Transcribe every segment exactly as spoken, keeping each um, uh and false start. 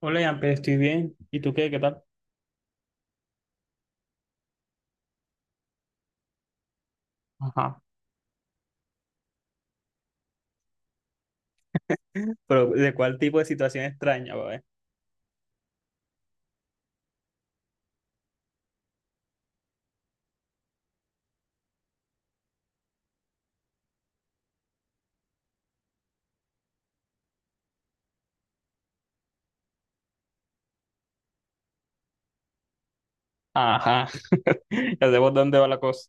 Hola, Ian, pero estoy bien. ¿Y tú qué? ¿Qué tal? Ajá. Pero, ¿de cuál tipo de situación extraña, bebé? Ajá. Ya sé por dónde va la cosa.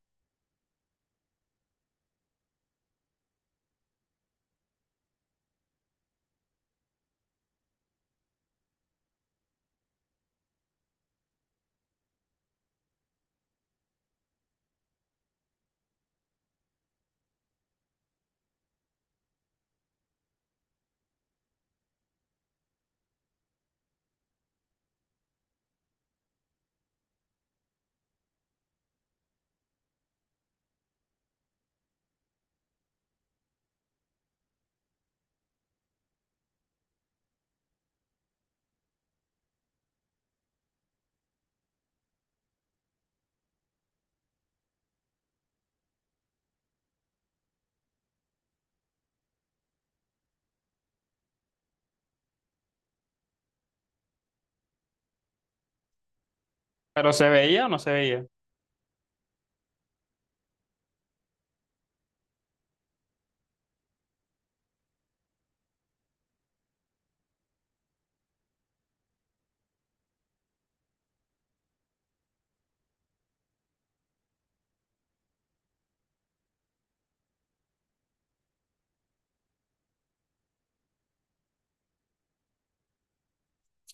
¿Pero se veía o no se veía?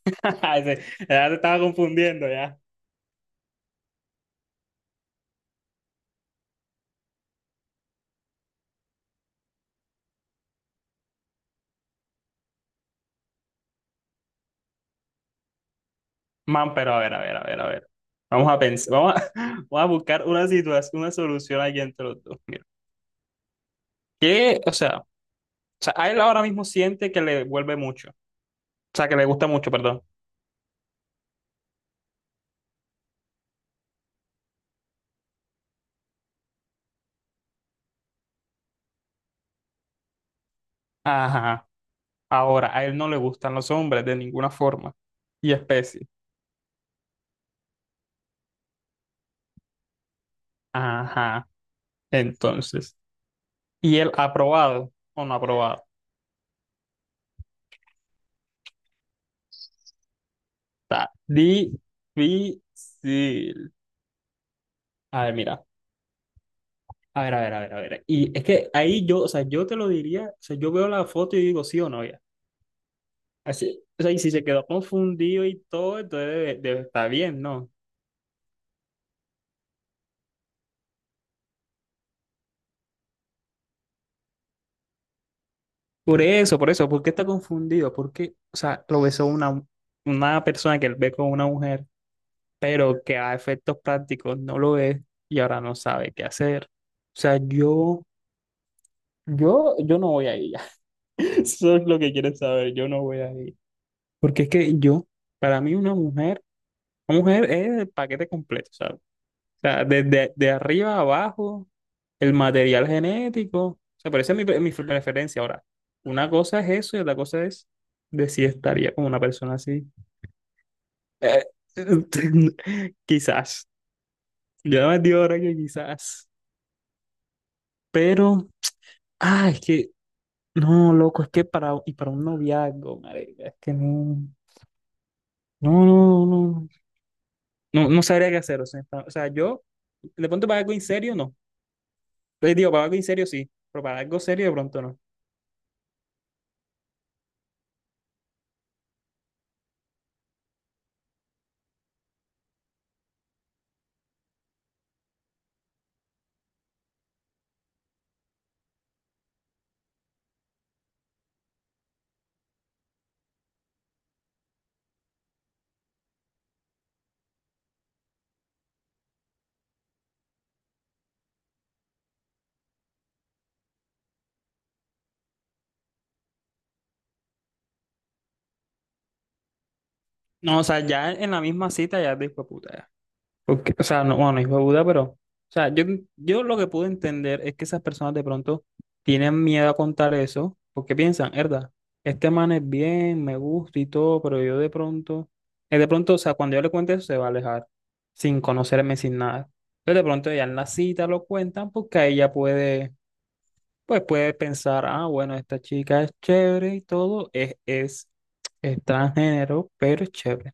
Ese- Ya te estaba confundiendo, ya. Man, pero a ver, a ver, a ver, a ver. Vamos a pensar, vamos a, vamos a buscar una situación, una solución aquí entre los dos. Mira. ¿Qué? O sea, o sea, a él ahora mismo siente que le vuelve mucho. O sea, que le gusta mucho, perdón. Ajá. Ahora, a él no le gustan los hombres de ninguna forma y especie. Ajá. Entonces, ¿y el aprobado o no aprobado? Está difícil. A ver, mira. A ver, a ver, a ver, a ver. Y es que ahí yo, o sea, yo te lo diría, o sea, yo veo la foto y digo sí o no, ya. Así, o sea, y si se quedó confundido y todo, entonces debe, debe estar bien, ¿no? Por eso, por eso, ¿por qué está confundido? Porque, o sea, lo besó una, una persona que él ve con una mujer, pero que a efectos prácticos no lo es y ahora no sabe qué hacer. O sea, yo Yo, yo no voy a ella. Eso es lo que quieren saber. Yo no voy a ella. Porque es que yo, para mí, una mujer, una mujer es el paquete completo, ¿sabes? O sea, desde de arriba a abajo, el material genético. O sea, pero esa es mi, pre- mi preferencia. Ahora, una cosa es eso y otra cosa es de si estaría con una persona así. Eh, quizás. Yo no me digo ahora que quizás. Pero, ah, es que, no, loco, es que para, y para un noviazgo, marica, es que no. No, no, no, no, no sabría qué hacer. O sea, pa- o sea, yo, de pronto para algo en serio, no. Les digo, para algo en serio sí, pero para algo serio de pronto no. No, o sea, ya en la misma cita ya después puta. Porque, o sea, no, bueno, hijo de Buda, pero, o sea, yo, yo lo que pude entender es que esas personas de pronto tienen miedo a contar eso, porque piensan, herda, este man es bien, me gusta y todo, pero yo de pronto, eh, de pronto, o sea, cuando yo le cuente eso se va a alejar, sin conocerme, sin nada. Entonces de pronto ya en la cita lo cuentan porque ahí ya puede, pues puede pensar, ah, bueno, esta chica es chévere y todo, es, es transgénero, pero es chévere.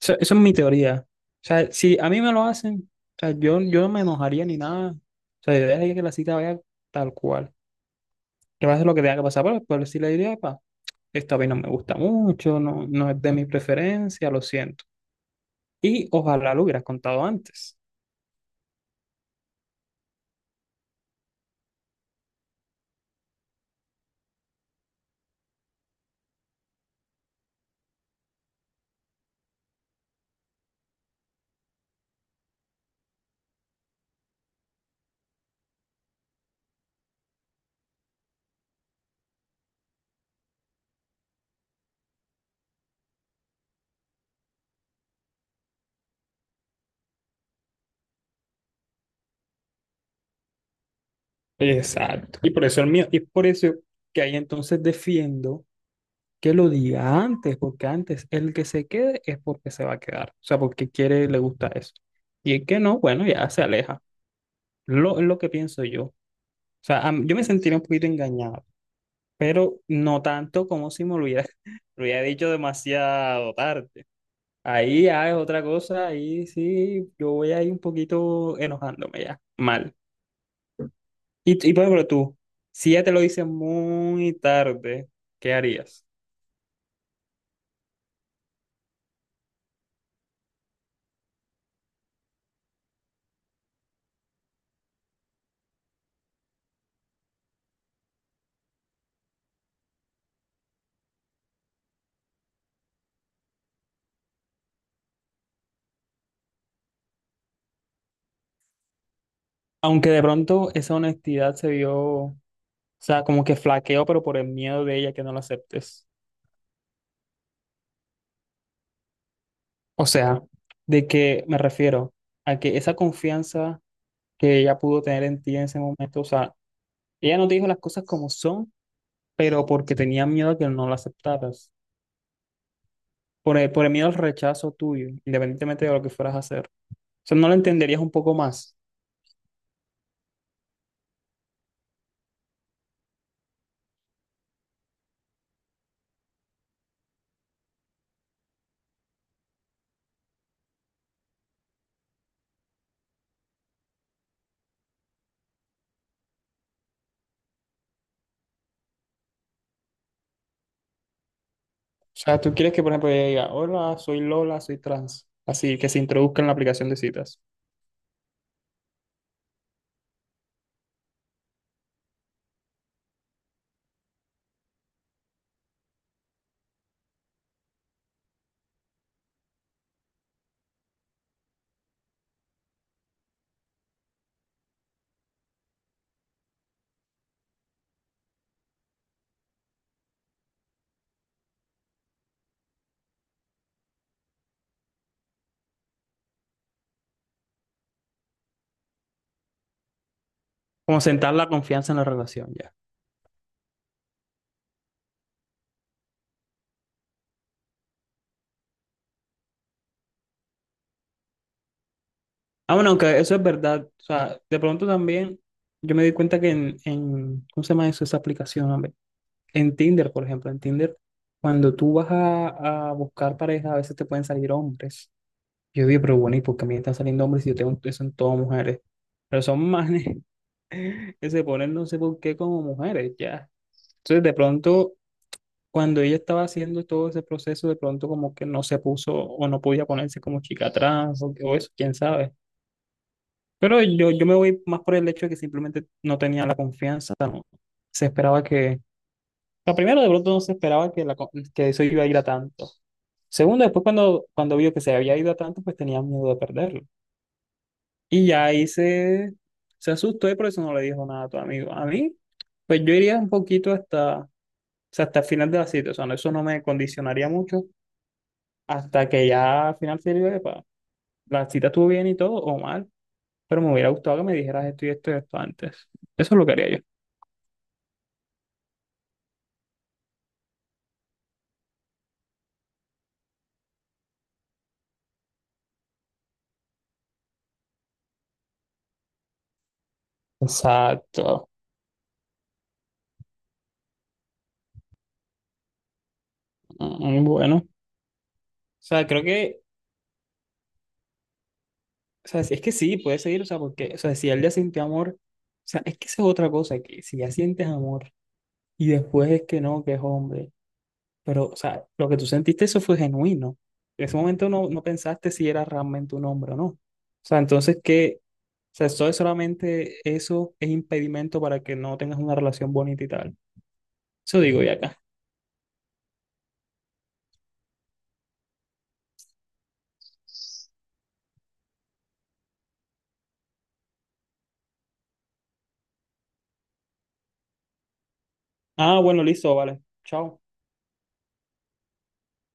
Eso, eso es mi teoría. O sea, si a mí me lo hacen, o sea, yo, yo no me enojaría ni nada. O sea, yo dejaría que la cita vaya tal cual. Que pase lo que tenga que pasar, pero después sí le diría, pa, esto a mí no me gusta mucho, no, no es de mi preferencia, lo siento. Y ojalá lo hubieras contado antes. Exacto. Y por eso el mío, y por eso que ahí entonces defiendo que lo diga antes, porque antes el que se quede es porque se va a quedar. O sea, porque quiere, le gusta eso. Y el que no, bueno, ya se aleja. Lo, es lo que pienso yo. O sea, am- yo me sentiría un poquito engañado, pero no tanto como si me lo hubiera, lo hubiera dicho demasiado tarde. Ahí ya es otra cosa, ahí sí, yo voy ahí un poquito enojándome ya, mal. Y, y por ejemplo tú, si ya te lo dicen muy tarde, ¿qué harías? Aunque de pronto esa honestidad se vio, o sea, como que flaqueó, pero por el miedo de ella que no lo aceptes. O sea, ¿de que me refiero? A que esa confianza que ella pudo tener en ti en ese momento. O sea, ella no te dijo las cosas como son, pero porque tenía miedo a que no la aceptaras. Por el, por el miedo al rechazo tuyo, independientemente de lo que fueras a hacer. O sea, no la entenderías un poco más. O sea, tú quieres que, por ejemplo, ella diga, hola, soy Lola, soy trans. Así que se introduzca en la aplicación de citas. Como sentar la confianza en la relación, ya. Ah, bueno, aunque eso es verdad. O sea, de pronto también yo me di cuenta que en, en ¿cómo se llama eso, esa aplicación, hombre? En Tinder, por ejemplo, en Tinder, cuando tú vas a, a buscar pareja, a veces te pueden salir hombres. Yo digo, pero bueno, ¿y por qué a mí me están saliendo hombres si yo tengo eso en todas mujeres? Pero son manes que se ponen no sé por qué como mujeres, ya. Entonces, de pronto, cuando ella estaba haciendo todo ese proceso, de pronto como que no se puso o no podía ponerse como chica trans o, o eso, quién sabe. Pero yo, yo me voy más por el hecho de que simplemente no tenía la confianza, no. Se esperaba que... Lo primero, de pronto no se esperaba que, la, co- que eso iba a ir a tanto. Segundo, después cuando, cuando vio que se había ido a tanto, pues tenía miedo de perderlo. Y ya ahí se, se asustó y por eso no le dijo nada a tu amigo. A mí, pues yo iría un poquito hasta, o sea, hasta el final de la cita. O sea, no, eso no me condicionaría mucho hasta que ya al final se diga, "Epa, la cita estuvo bien y todo, o mal, pero me hubiera gustado que me dijeras esto y esto y esto antes. Eso es lo que haría yo. Exacto. Mm, bueno, o sea, creo que, o sea, es que sí, puede seguir, o sea, porque, o sea, si él ya sintió amor, o sea, es que esa es otra cosa, que si ya sientes amor y después es que no, que es hombre. Pero, o sea, lo que tú sentiste, eso fue genuino. En ese momento no, no pensaste si era realmente un hombre o no. O sea, entonces, ¿qué? O sea, eso es solamente eso es impedimento para que no tengas una relación bonita y tal. Eso digo ya acá. Ah, bueno, listo, vale. Chao.